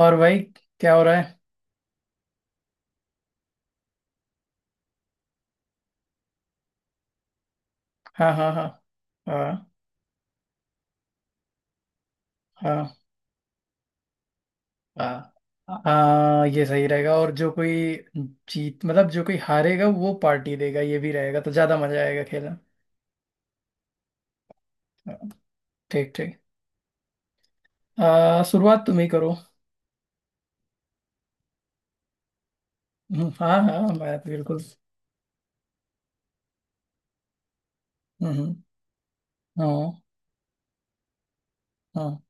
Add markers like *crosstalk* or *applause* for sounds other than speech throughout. और भाई, क्या हो रहा है। हाँ, हाँ, हाँ, हाँ, हाँ, हाँ, हाँ, ये सही रहेगा। और जो कोई जीत मतलब जो कोई हारेगा वो पार्टी देगा ये भी रहेगा तो ज्यादा मजा आएगा खेलना। हाँ। ठीक ठीक। शुरुआत तुम ही करो। हम्म। हाँ हाँ, मैं तो बिल्कुल। हम्म। हाँ हाँ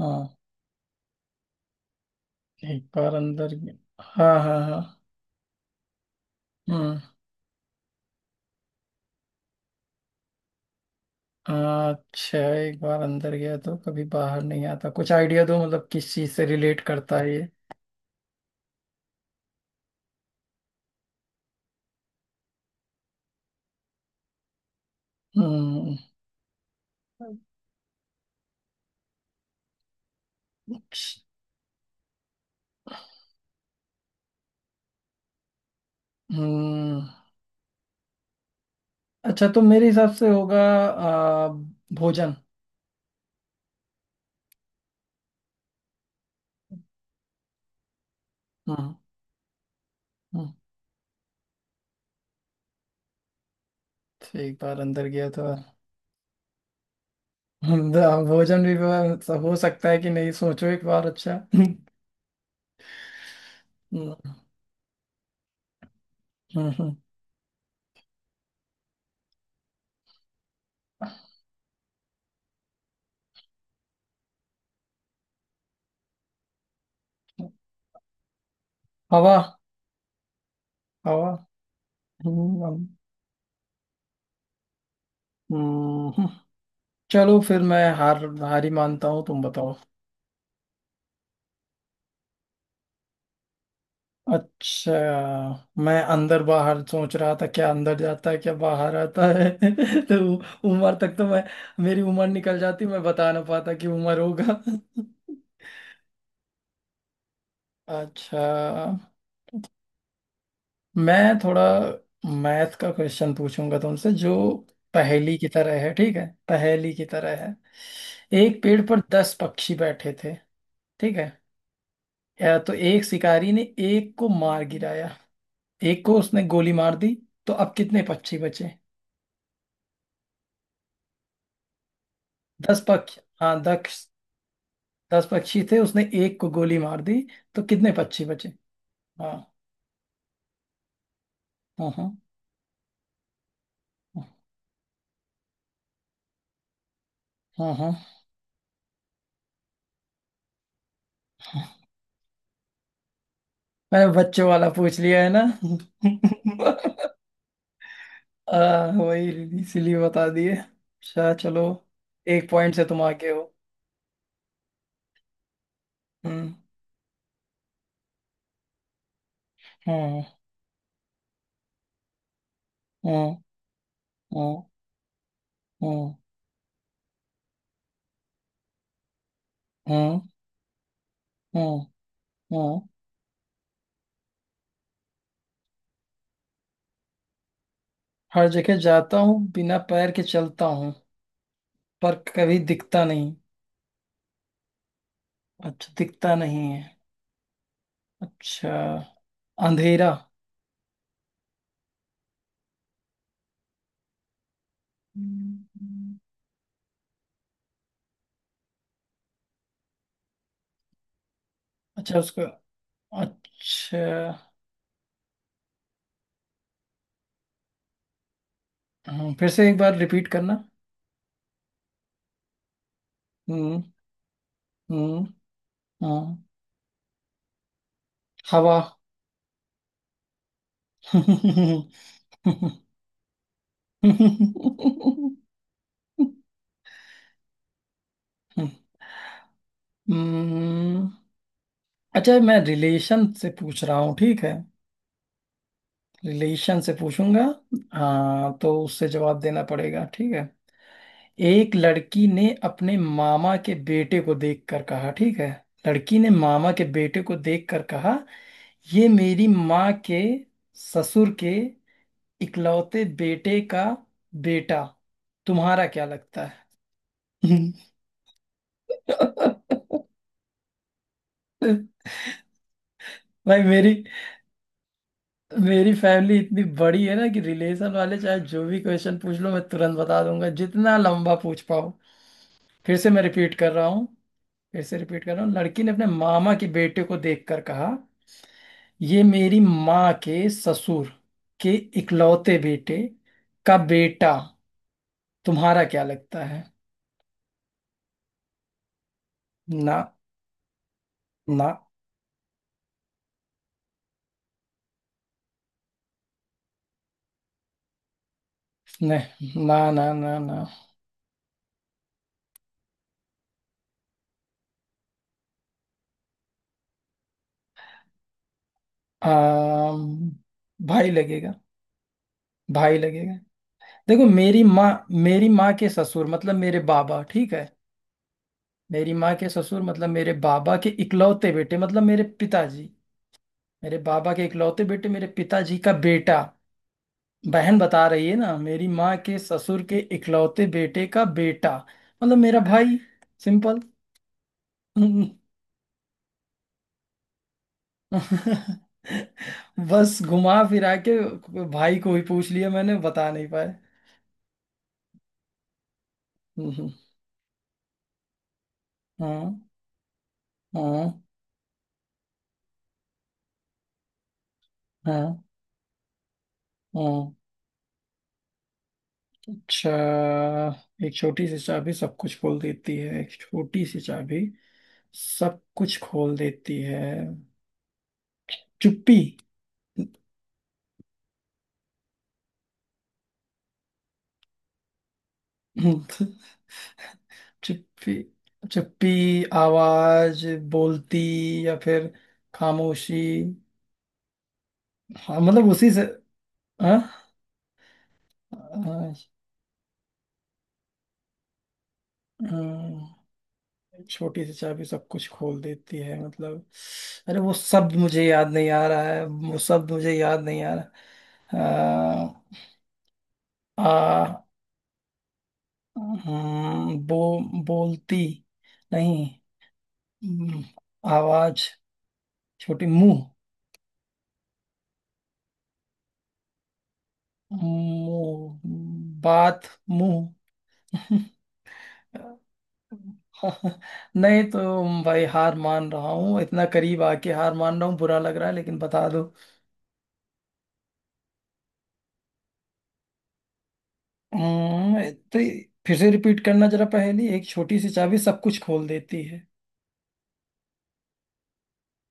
हाँ। एक बार अंदर गया। हाँ हाँ हाँ। हम्म। अच्छा, एक बार अंदर गया तो कभी बाहर नहीं आता, कुछ आइडिया दो, मतलब किस चीज से रिलेट करता है ये। हम्म हम्म। अच्छा तो मेरे हिसाब से होगा आ, भोजन। हम्म हम्म। तो एक बार अंदर गया तो। हम्म। हाँ, भोजन भी हो सकता है कि नहीं, सोचो एक बार। अच्छा। हम्म। हम्म। हम्म। हवा। हवा। हम्म। हम्म। हम्म। चलो फिर मैं हारी मानता हूँ, तुम बताओ। अच्छा, मैं अंदर बाहर सोच रहा था, क्या अंदर जाता है क्या बाहर आता है। *laughs* तो उम्र तक तो मैं, मेरी उम्र निकल जाती मैं बता ना पाता कि उम्र होगा। *laughs* अच्छा, मैं थोड़ा मैथ का क्वेश्चन पूछूंगा तुमसे, जो पहेली की तरह है, ठीक है, पहेली की तरह है। एक पेड़ पर 10 पक्षी बैठे थे, ठीक है। या तो एक शिकारी ने एक को मार गिराया, एक को उसने गोली मार दी, तो अब कितने पक्षी बचे। दस पक्ष हाँ, 10। 10 पक्षी थे, उसने एक को गोली मार दी, तो कितने पक्षी बचे। हाँ, हाँ, हाँ, हाँ, हाँ, हाँ। मैंने बच्चों वाला पूछ लिया है ना। *laughs* वही इसीलिए बता दिए। अच्छा, चलो। एक पॉइंट से तुम आगे हो। हम्म हम्म हम्म हम्म हम्म हम्म हम्म हम्म। हर जगह जाता हूँ बिना पैर के चलता हूँ पर कभी दिखता नहीं। अच्छा, दिखता नहीं है। अच्छा। अंधेरा। हम्म। अच्छा, उसका। अच्छा। हम्म। फिर से एक बार रिपीट करना। हम्म हम्म। हम्म। हवा। *laughs* हम्म। अच्छा, मैं रिलेशन से पूछ रहा हूँ, ठीक है, रिलेशन से पूछूंगा। हाँ, तो उससे जवाब देना पड़ेगा, ठीक है। एक लड़की ने अपने मामा के बेटे को देखकर कहा, ठीक है। लड़की ने मामा के बेटे को देखकर कहा, ये मेरी माँ के ससुर के इकलौते बेटे का बेटा तुम्हारा क्या लगता है। *laughs* भाई, मेरी मेरी फैमिली इतनी बड़ी है ना कि रिलेशन वाले चाहे जो भी क्वेश्चन पूछ लो, मैं तुरंत बता दूंगा, जितना लंबा पूछ पाओ। फिर से मैं रिपीट कर रहा हूँ। फिर से रिपीट कर रहा हूँ, लड़की ने अपने मामा के बेटे को देखकर कहा, ये मेरी माँ के ससुर के इकलौते बेटे का बेटा तुम्हारा क्या लगता है। ना, ना, नहीं, ना, ना, ना, ना। आम, भाई लगेगा। भाई लगेगा। देखो, मेरी माँ के ससुर मतलब मेरे बाबा, ठीक है। मेरी माँ के ससुर मतलब मेरे बाबा के इकलौते बेटे मतलब मेरे पिताजी। मेरे बाबा के इकलौते बेटे, मेरे पिताजी का बेटा, बहन बता रही है ना, मेरी माँ के ससुर के इकलौते बेटे का बेटा मतलब मेरा भाई। सिंपल। *laughs* बस घुमा फिरा के भाई को ही पूछ लिया, मैंने बता नहीं पाए। हम्म। हाँ, हाँ, हाँ, हाँ। अच्छा, एक छोटी सी चाबी सब कुछ खोल देती है, एक छोटी सी चाबी सब कुछ खोल देती है। चुप्पी। *laughs* चुप्पी, चुप्पी, आवाज, बोलती, या फिर खामोशी। हाँ मतलब उसी से। हाँ, हाँ। हम्म। छोटी सी चाबी सब कुछ खोल देती है मतलब अरे वो शब्द मुझे याद नहीं आ रहा है, वो शब्द मुझे याद नहीं आ रहा। आ, आ हम्म। बो बोलती। नहीं। हम्म। आवाज, छोटी, मुंह, मुंह, बात, मुंह। *laughs* *laughs* नहीं तो भाई हार मान रहा हूँ, इतना करीब आके हार मान रहा हूँ, बुरा लग रहा है लेकिन बता दो। हम्म। तो फिर से रिपीट करना जरा पहेली, एक छोटी सी चाबी सब कुछ खोल देती है,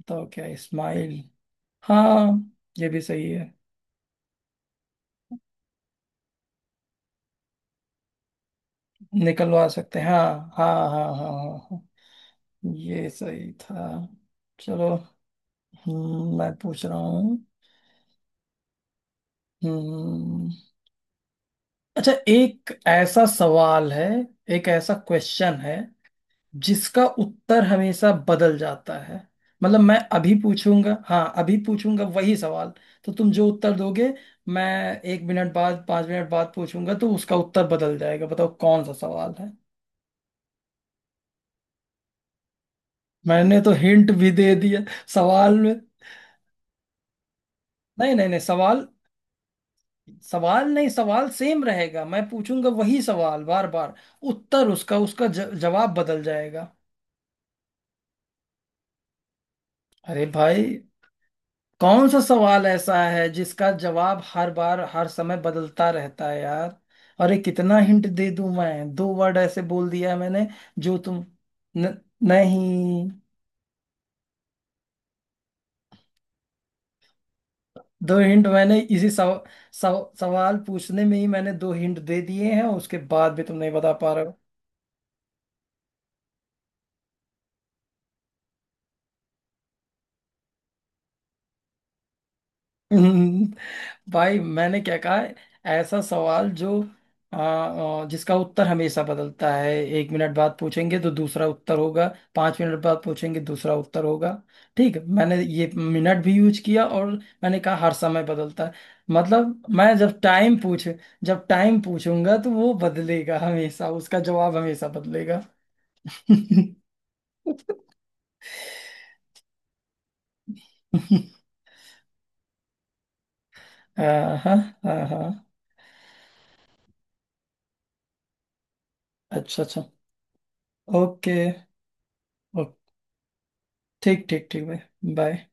बताओ क्या। स्माइल। हाँ, ये भी सही है, निकलवा सकते हैं, हाँ, हाँ, हाँ, हाँ, हाँ, हाँ, ये सही था। चलो। हम्म। मैं पूछ रहा हूँ। हम्म। अच्छा, एक ऐसा सवाल है, एक ऐसा क्वेश्चन है जिसका उत्तर हमेशा बदल जाता है। मतलब मैं अभी पूछूंगा, हाँ अभी पूछूंगा वही सवाल, तो तुम जो उत्तर दोगे मैं 1 मिनट बाद, 5 मिनट बाद पूछूंगा तो उसका उत्तर बदल जाएगा, बताओ कौन सा सवाल है। मैंने तो हिंट भी दे दिया सवाल में। नहीं, नहीं, नहीं, सवाल, सवाल नहीं, सवाल सेम रहेगा, मैं पूछूंगा वही सवाल बार बार। उत्तर उसका उसका जवाब बदल जाएगा। अरे भाई, कौन सा सवाल ऐसा है जिसका जवाब हर बार हर समय बदलता रहता है यार, अरे कितना हिंट दे दूं मैं, दो वर्ड ऐसे बोल दिया मैंने, जो तुम न, नहीं। दो हिंट मैंने इसी सव, सव, सवाल पूछने में ही मैंने दो हिंट दे दिए हैं, उसके बाद भी तुम नहीं बता पा रहे हो। *laughs* भाई मैंने क्या कहा है, ऐसा सवाल जो आ, आ, जिसका उत्तर हमेशा बदलता है, 1 मिनट बाद पूछेंगे तो दूसरा उत्तर होगा, 5 मिनट बाद पूछेंगे दूसरा उत्तर होगा, ठीक है। मैंने ये मिनट भी यूज किया और मैंने कहा हर समय बदलता है, मतलब मैं जब टाइम पूछ जब टाइम पूछूंगा तो वो बदलेगा, हमेशा उसका जवाब हमेशा बदलेगा। *laughs* हाँ, हाँ, हाँ, हाँ। अच्छा, अच्छा, ओके। ओ- ठीक ठीक ठीक भाई, बाय।